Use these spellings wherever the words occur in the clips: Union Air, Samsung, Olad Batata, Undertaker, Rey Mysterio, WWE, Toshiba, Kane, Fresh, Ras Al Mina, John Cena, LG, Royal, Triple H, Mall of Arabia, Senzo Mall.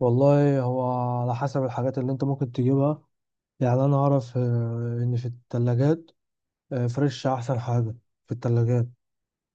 والله هو على حسب الحاجات اللي انت ممكن تجيبها. يعني انا اعرف ان في الثلاجات فريش احسن حاجة في الثلاجات.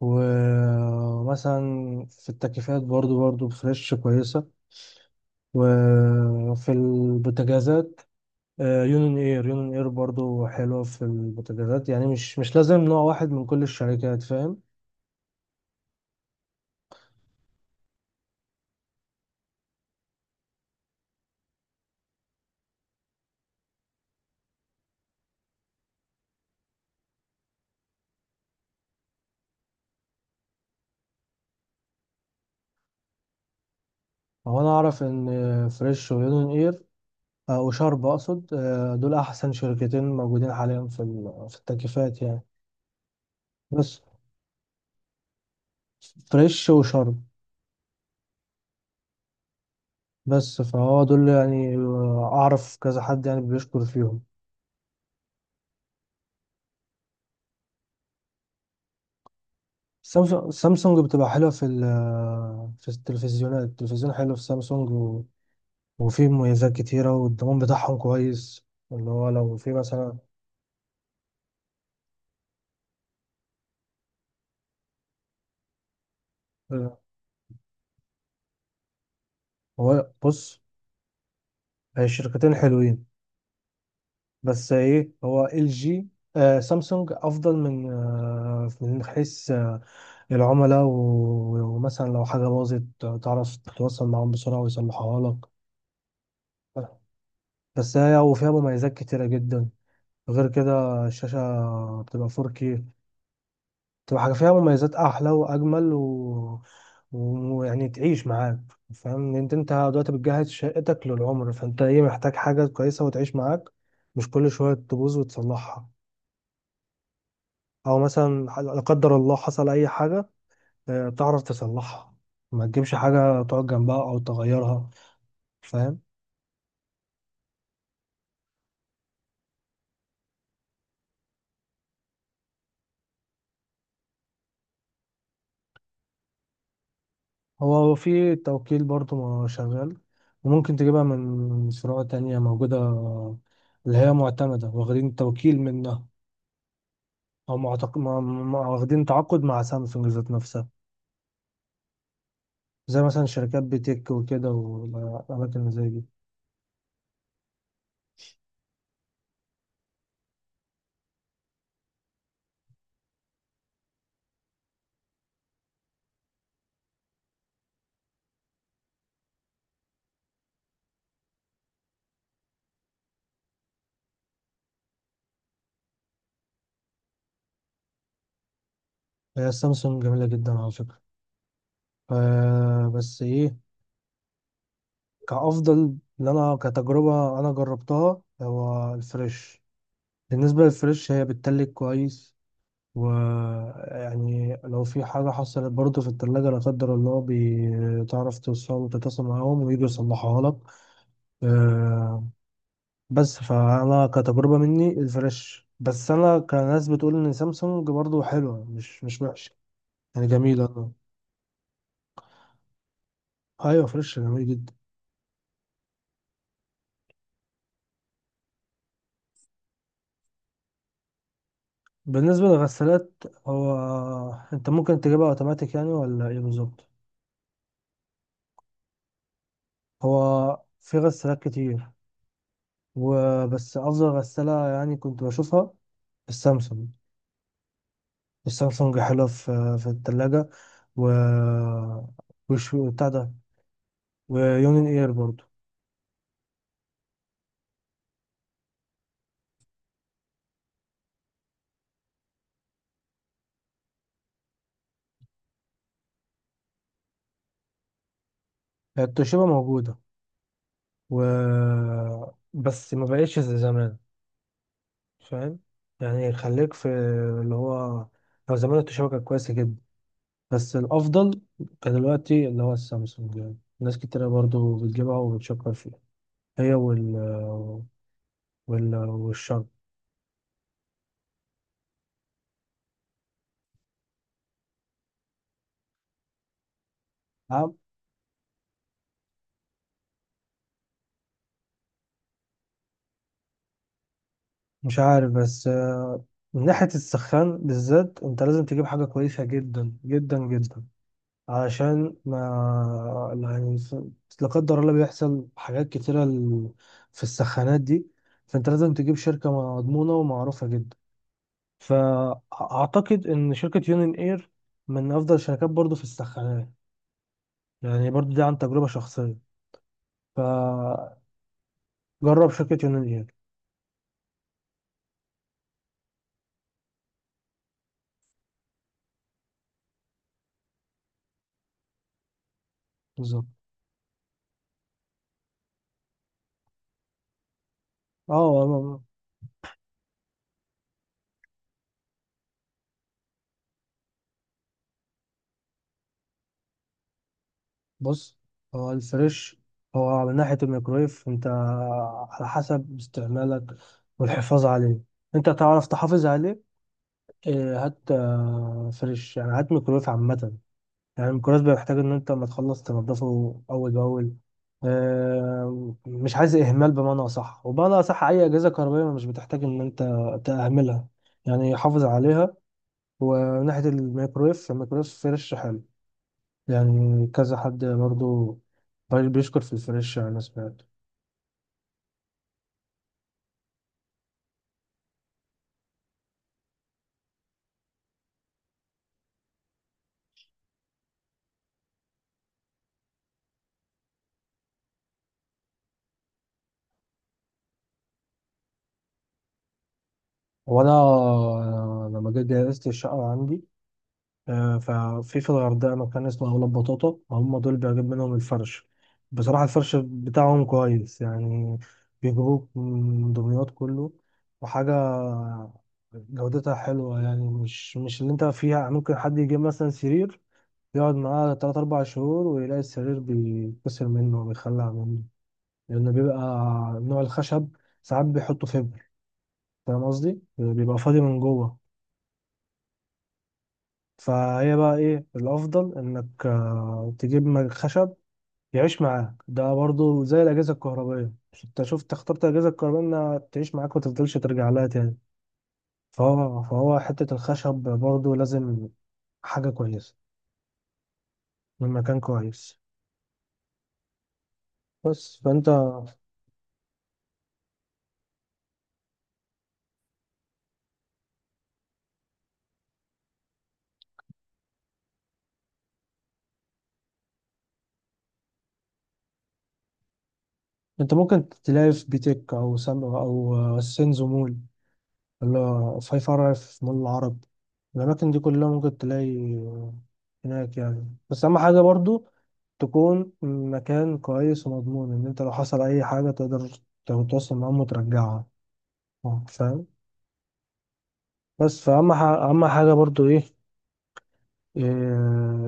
ومثلا في التكييفات برضو فريش كويسة. وفي البوتاجازات، يونين اير برضو حلوة في البوتاجازات. يعني مش لازم نوع واحد من كل الشركات، فاهم. هو انا اعرف ان فريش ويونين اير، وشارب اقصد، دول احسن شركتين موجودين حاليا في في التكييفات يعني. بس فريش وشرم. بس فهو دول يعني، اعرف كذا حد يعني بيشكر فيهم. سامسونج بتبقى حلوه في في التلفزيونات. التلفزيون حلو في سامسونج وفيه مميزات كتيره والضمان بتاعهم كويس، اللي هو لو في مثلا. هو بص، هي الشركتين حلوين. بس ايه، هو ال جي، آه سامسونج افضل من من حيث العملاء ومثلا لو حاجه باظت تعرف تتواصل معاهم بسرعه ويصلحوها لك. بس هي يعني وفيها مميزات كتيرة جدا. غير كده الشاشة بتبقى 4K، بتبقى حاجة فيها مميزات أحلى وأجمل ويعني تعيش معاك. فاهم إن انت دلوقتي بتجهز شقتك للعمر، فانت ايه محتاج حاجة كويسة وتعيش معاك، مش كل شوية تبوظ وتصلحها. او مثلا لا قدر الله حصل اي حاجة، تعرف تصلحها، ما تجيبش حاجة تقعد جنبها او تغيرها، فاهم. هو في توكيل برضه ما شغال، وممكن تجيبها من فروع تانية موجودة اللي هي معتمدة واخدين توكيل منها، أو معتق... ما... ما... واخدين تعاقد مع سامسونج ذات نفسها، زي مثلا شركات بيتك وكده، والأماكن زي دي. هي سامسونج جميلة جدا على فكرة. ف... بس إيه، كأفضل اللي أنا كتجربة أنا جربتها هو الفريش. بالنسبة للفريش هي بتتلج كويس، ويعني لو في حاجة حصلت برضه في التلاجة لا قدر الله، بتعرف توصل تتصل معاهم ويجوا يصلحوها لك. آه، بس فأنا كتجربة مني الفلاش، بس أنا كناس بتقول إن سامسونج برضه حلوة، مش وحشة يعني، جميلة أه. أيوة، فريش جميل جدا. بالنسبة للغسالات، هو أنت ممكن تجيبها أوتوماتيك يعني ولا إيه بالظبط؟ هو في غسالات كتير، وبس أفضل غسالة يعني كنت بشوفها السامسونج. السامسونج حلوة في التلاجة، و وش بتاع ده، ويونين اير برضو. التوشيبا موجودة، و بس ما بقتش زي زمان، فاهم. يعني خليك في اللي هو، لو زمان التوشيبا كانت كويسة جدا، بس الأفضل كان دلوقتي اللي هو السامسونج، يعني ناس كتيرة برضو بتجيبها وبتشكر فيها، هي وال والشرق. مش عارف، بس من ناحية السخان بالذات انت لازم تجيب حاجة كويسة جدا جدا جدا، علشان ما يعني لا قدر الله بيحصل حاجات كتيرة في السخانات دي. فانت لازم تجيب شركة مضمونة ومعروفة جدا. فأعتقد إن شركة يونين اير من أفضل الشركات برضو في السخانات، يعني برضو دي عن تجربة شخصية. فجرب شركة يونين اير. بالظبط. اه بص، هو الفريش، هو على ناحية الميكرويف انت على حسب استعمالك والحفاظ عليه. انت تعرف تحافظ عليه، اه، هات فريش. يعني هات ميكرويف عامة. يعني الميكرويف بيحتاج ان انت لما تخلص تنضفه اول باول. اه، مش عايز اهمال، بمعنى صح. وبمعنى صح، اي اجهزة كهربائية مش بتحتاج ان انت تأهملها، يعني حافظ عليها. وناحية الميكرويف، الميكرويف فريش حلو، يعني كذا حد برضه بيشكر في الفريش يعني، أنا سمعت. وأنا لما جيت جهزت الشقة عندي، ففي في الغردقة مكان اسمه أولاد بطاطا، هم دول بجيب منهم الفرش. بصراحة الفرش بتاعهم كويس يعني، بيجيبوك من دمياط كله. وحاجة جودتها حلوة يعني، مش اللي انت فيها ممكن حد يجيب مثلا سرير، يقعد معاه تلات أربع شهور ويلاقي السرير بيتكسر منه وبيخلع منه، لأنه بيبقى نوع الخشب ساعات بيحطوا فيبر، فاهم قصدي؟ بيبقى فاضي من جوه. فهي بقى إيه الأفضل، إنك تجيب خشب يعيش معاك. ده برضو زي الأجهزة الكهربائية، أنت شفت اخترت الأجهزة الكهربائية إنها تعيش معاك ومتفضلش ترجع لها تاني. فهو حتة الخشب برضو لازم حاجة كويسة من مكان كويس. بس فأنت، أنت ممكن تلاقي في بيتك أو سام أو سينزو مول، ولا في فرع في مول العرب. الأماكن دي كلها ممكن تلاقي هناك يعني، بس أهم حاجة برضو تكون مكان كويس ومضمون، إن أنت لو حصل أي حاجة تقدر تتواصل معاهم وترجعها، فاهم. بس فأهم أهم حاجة برضو إيه، إيه،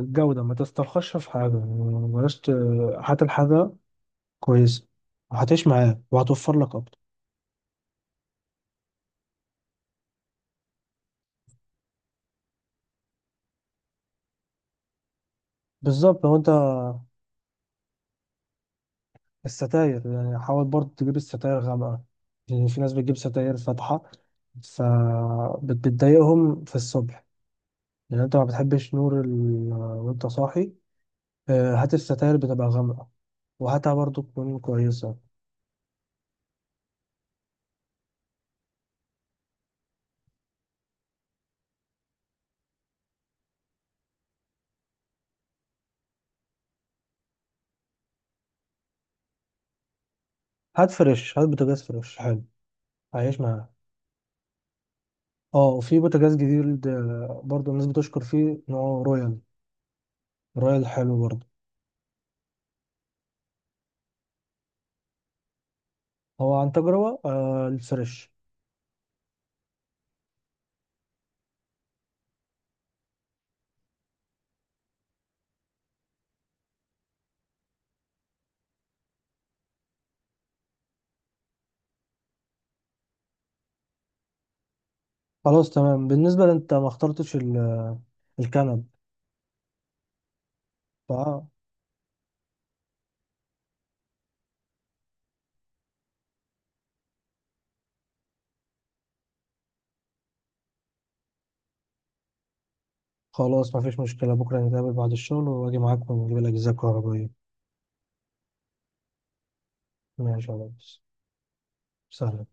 الجودة. ما تسترخصش في حاجة يعني، بلاش هات الحاجة كويسة وهتعيش معاك وهتوفر لك أكتر. بالظبط. لو أنت الستاير يعني حاول برضه تجيب الستاير غامقة، لأن في ناس بتجيب ستاير فاتحة فبتضايقهم في الصبح، لأن أنت ما بتحبش نور وأنت صاحي. هات الستاير بتبقى غامقة، وهاتها برضه تكون كويسة. هات فريش، هات بوتاجاز فريش حلو، هيعيش معاها. اه، وفي بوتاجاز جديد برضه الناس بتشكر فيه، نوعه رويال. رويال حلو برضه. هو عن تجربة الفريش. خلاص تمام. بالنسبة لأنت ما اخترتش الكنب. فا خلاص، مفيش مشكلة. بكرة نتقابل بعد الشغل وأجي معاك ونجيب الأجهزة الكهربائية. ماشي يا ريس. سلام.